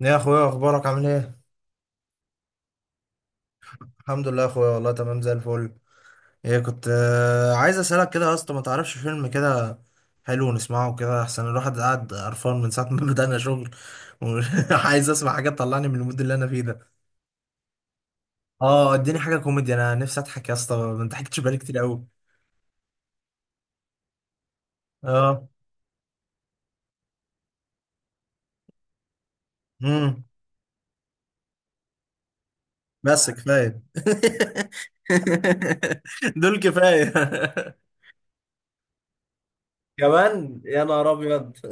يا اخويا، اخبارك؟ عامل ايه؟ الحمد لله يا اخويا، والله تمام زي الفل. ايه، كنت عايز اسالك كده يا اسطى، ما تعرفش فيلم كده حلو نسمعه؟ كده احسن، الواحد قاعد قرفان من ساعه ما بدأنا شغل، وعايز اسمع حاجه تطلعني من المود اللي انا فيه ده. اه، اديني حاجه كوميدي، انا نفسي اضحك يا اسطى، ما انت حكيتش بقالي كتير قوي. اه. امم بس كفايه. دول كفايه. كمان، يا نهار ابيض!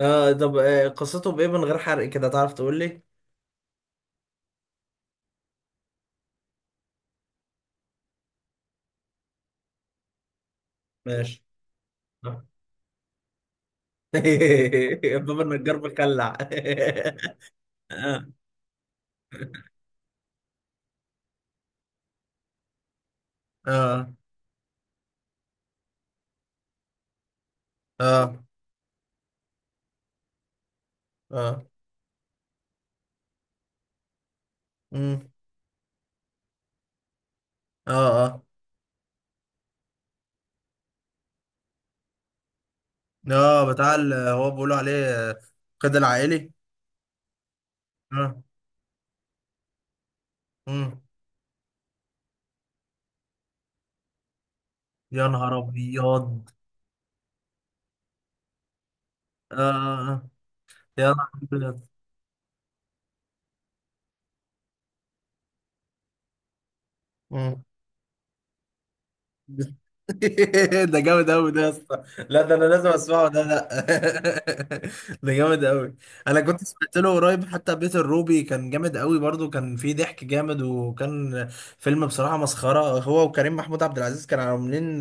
آه، طب قصته بايه من غير حرق كده، تعرف تقول لي؟ ماشي. باب النجار مخلع. اه. اه. اه. اه. مم. اه. اه. اه بتاع هو بيقولوا عليه. آه، قيد العائلي. اه. مم. يا نهار ابيض. اه، آه. يا نهار ابيض. ده جامد قوي ده يا اسطى. لا ده انا لازم اسمعه ده، لا. ده جامد قوي. انا كنت سمعت له قريب حتى بيت الروبي، كان جامد قوي برضو، كان فيه ضحك جامد، وكان فيلم بصراحة مسخرة، هو وكريم محمود عبد العزيز كانوا عاملين،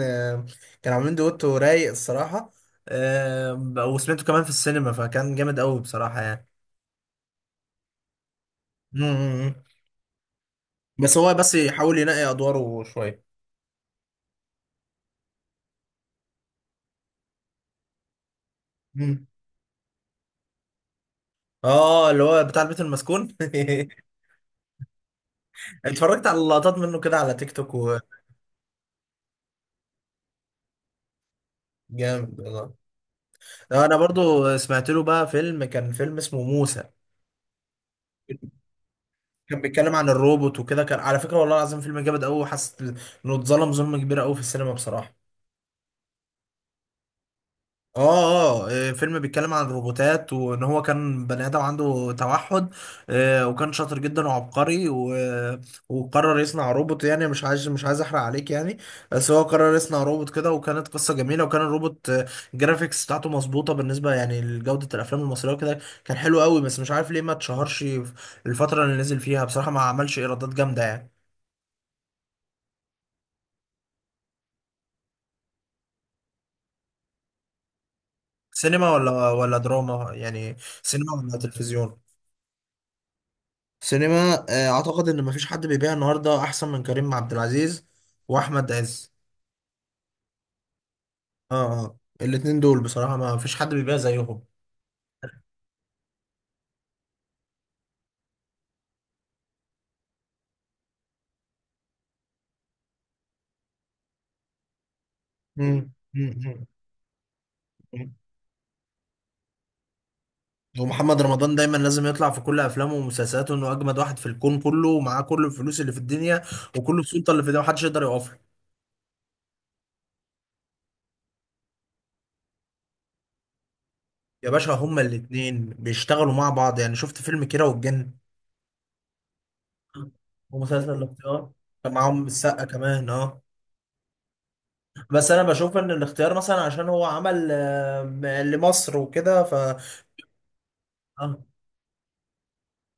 كانوا عاملين دويتو رايق الصراحة. آه، وسمعته كمان في السينما، فكان جامد قوي بصراحة يعني. مم. بس هو بس يحاول ينقي ادواره شوية. مم. اه، اللي هو بتاع البيت المسكون. اتفرجت على لقطات منه كده على تيك توك. وجامد والله. انا برضو سمعت له بقى فيلم، كان فيلم اسمه موسى. كان بيتكلم عن الروبوت وكده، كان على فكرة والله العظيم فيلم جامد قوي، وحاسس انه اتظلم ظلم كبير قوي في السينما بصراحة. اه اه، فيلم بيتكلم عن الروبوتات، وان هو كان بني ادم عنده توحد. وكان شاطر جدا وعبقري وقرر يصنع روبوت، يعني مش عايز، مش عايز احرق عليك يعني. بس هو قرر يصنع روبوت كده، وكانت قصة جميلة، وكان الروبوت الجرافيكس بتاعته مظبوطة بالنسبة يعني لجودة الافلام المصرية وكده. كان حلو قوي، بس مش عارف ليه ما اتشهرش في الفترة اللي نزل فيها، بصراحة ما عملش ايرادات جامدة يعني. سينما ولا دراما يعني؟ سينما ولا تلفزيون؟ سينما، اعتقد ان مفيش حد بيبيع النهارده احسن من كريم عبد العزيز، واحمد عز. اه. اه، الاتنين دول بصراحه ما فيش حد بيبيع زيهم. مم. مم. مم. ومحمد رمضان دايما لازم يطلع في كل افلامه ومسلسلاته انه اجمد واحد في الكون كله، ومعاه كل الفلوس اللي في الدنيا، وكل السلطه اللي في الدنيا، محدش يقدر يقف له. يا باشا هما الاتنين بيشتغلوا مع بعض، يعني شفت فيلم كيرة والجن، ومسلسل الاختيار كان معاهم السقا كمان، اه. بس انا بشوف ان الاختيار مثلا عشان هو عمل لمصر وكده، ف اه.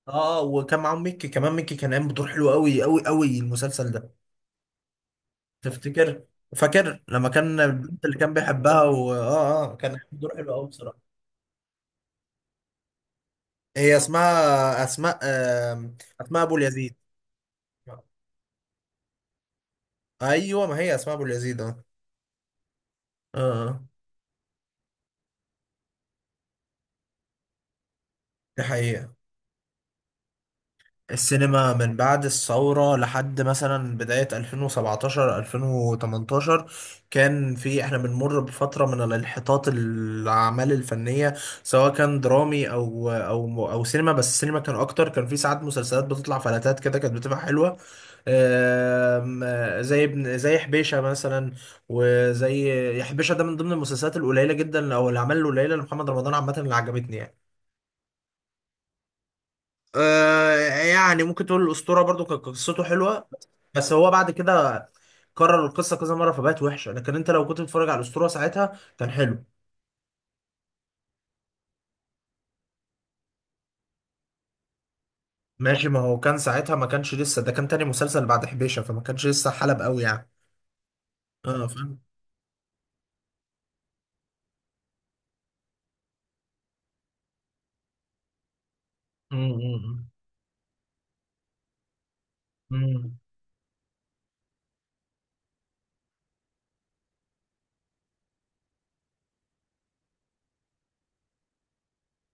اه، وكان معاهم ميكي كمان، ميكي كان قايم بدور حلو قوي قوي قوي المسلسل ده. تفتكر؟ فاكر لما كان البنت اللي كان بيحبها و... اه اه، كان قايم بدور حلو قوي بصراحه. هي اسمها اسماء، اسماء ابو اليزيد. آه، ايوه، ما هي اسماء ابو اليزيد، اه. اه، آه. دي حقيقه. السينما من بعد الثورة لحد مثلا بداية 2017 2018، كان في، احنا بنمر بفترة من الانحطاط، الأعمال الفنية سواء كان درامي أو سينما، بس السينما كان أكتر. كان في ساعات مسلسلات بتطلع فلاتات كده، كانت بتبقى حلوة. آم، آه، زي ابن، زي حبيشة مثلا. وزي حبيشة ده من ضمن المسلسلات القليلة جدا، أو الأعمال القليلة لمحمد رمضان عامة، اللي عجبتني يعني. آه، يعني ممكن تقول الأسطورة برضو كانت قصته حلوة، بس هو بعد كده كرر القصة كذا مرة فبقت وحشة، لكن انت لو كنت بتتفرج على الأسطورة ساعتها كان حلو. ماشي، ما هو كان ساعتها ما كانش لسه، ده كان تاني مسلسل بعد حبيشة، فما كانش لسه حلب قوي يعني. اه، فاهم. امم امم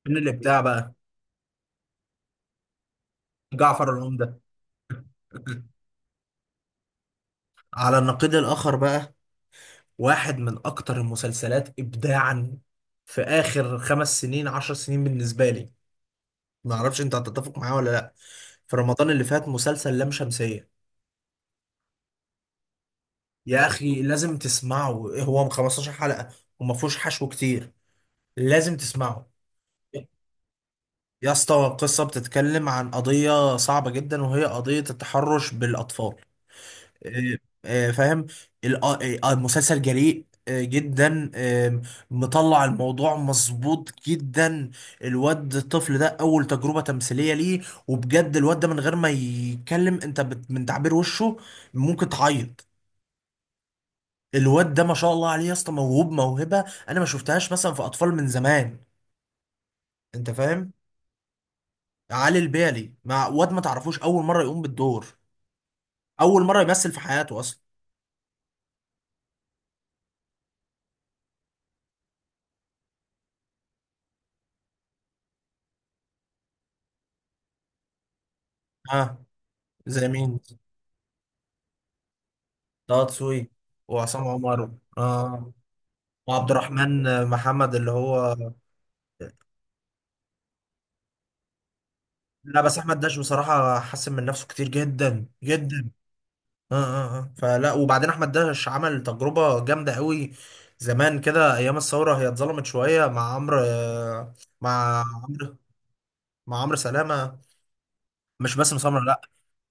من الإبداع بقى. جعفر العمدة. على النقيض الآخر بقى، واحد من أكتر المسلسلات إبداعا في آخر خمس سنين، عشر سنين بالنسبة لي، ما اعرفش انت هتتفق معاه ولا لا، في رمضان اللي فات، مسلسل لام شمسية. يا اخي لازم تسمعه، هو 15 حلقة وما فيهوش حشو كتير، لازم تسمعه. يا اسطى قصة بتتكلم عن قضية صعبة جدا، وهي قضية التحرش بالأطفال. آه، فاهم. المسلسل جريء جدا، مطلع الموضوع مظبوط جدا. الواد الطفل ده اول تجربة تمثيلية ليه، وبجد الواد ده من غير ما يتكلم، انت من تعبير وشه ممكن تعيط. الواد ده ما شاء الله عليه يا اسطى، موهوب موهبة انا ما شفتهاش مثلا في اطفال من زمان، انت فاهم. علي البيلي مع واد ما تعرفوش، اول مرة يقوم بالدور، اول مرة يمثل في حياته اصلا. ها. زي مين؟ طه دسوقي، وعصام عمر. اه، وعبد الرحمن محمد اللي هو... لا بس احمد داش بصراحه حسن من نفسه كتير جدا جدا. اه اه اه، فلا، وبعدين احمد داش عمل تجربه جامده قوي زمان كده ايام الثوره، هي اتظلمت شويه مع عمرو مع عمرو، مع عمرو سلامه. مش باسم سمره، لا.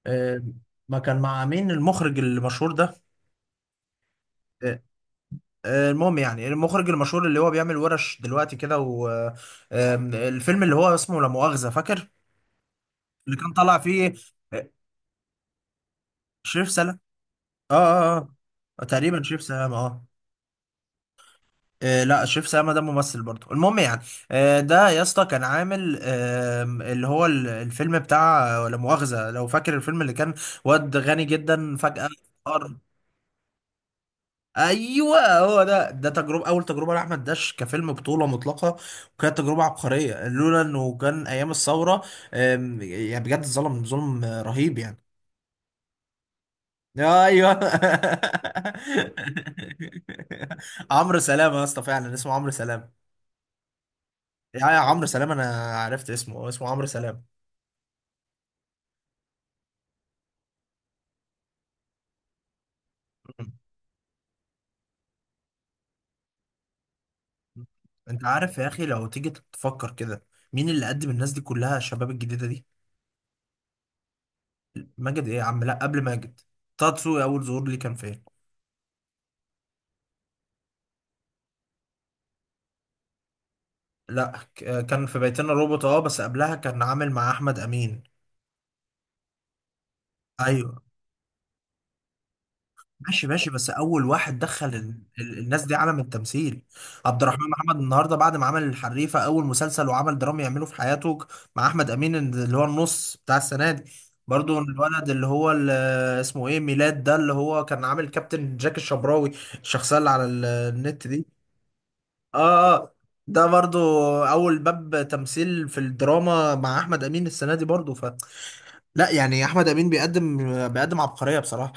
آه، ما كان مع مين المخرج المشهور ده؟ آه، المهم يعني، المخرج المشهور اللي هو بيعمل ورش دلوقتي كده، والفيلم اللي هو اسمه لا مؤاخذة، فاكر اللي كان طالع فيه؟ آه، شريف سلام. اه اه اه. تقريبا شريف سلام، اه. لا شريف سلامة ده ممثل برضه، المهم يعني. ده يا اسطى كان عامل الفيلم بتاع لا مؤاخذة، لو فاكر الفيلم، اللي كان واد غني جدا فجأة فقر. ايوه هو ده تجربه، اول تجربه لاحمد داش كفيلم بطوله مطلقه، وكانت تجربه عبقريه لولا انه كان ايام الثوره. يعني بجد ظلم، ظلم رهيب يعني. ايوه. عمرو سلام يا اسطى، فعلا اسمه عمرو سلام. يا يا عمرو سلام، انا عرفت اسمه، هو اسمه عمرو سلام. م. انت عارف يا اخي لو تيجي تفكر كده، مين اللي قدم الناس دي كلها، الشباب الجديده دي؟ ماجد ايه يا عم، لا قبل ماجد. طه دسوقي اول ظهور ليه كان فين؟ لا كان في بيتنا روبوت، اه، بس قبلها كان عامل مع احمد امين. ايوه. ماشي ماشي، بس اول واحد دخل الناس دي عالم التمثيل، عبد الرحمن محمد، النهارده بعد ما عمل الحريفه، اول مسلسل وعمل درامي يعمله في حياته، مع احمد امين اللي هو النص بتاع السنه دي. برضو الولد اللي هو اسمه ايه، ميلاد ده، اللي هو كان عامل كابتن جاك الشبراوي، الشخصيه اللي على النت دي. اه، آه. ده برضو اول باب تمثيل في الدراما، مع احمد امين السنه دي برضو. لا يعني احمد امين بيقدم عبقريه بصراحه.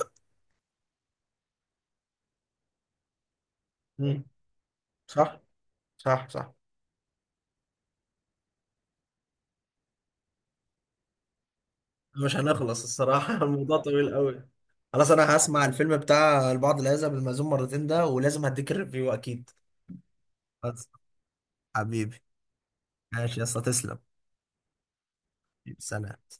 مم. صح. صح صح. مش هنخلص الصراحه، الموضوع طويل قوي. خلاص، انا هسمع الفيلم بتاع البعض لا يذهب للمأذون مرتين ده، ولازم هديك الريفيو اكيد. خلاص. حبيبي. ماشي يا اسطى، تسلم. سلام.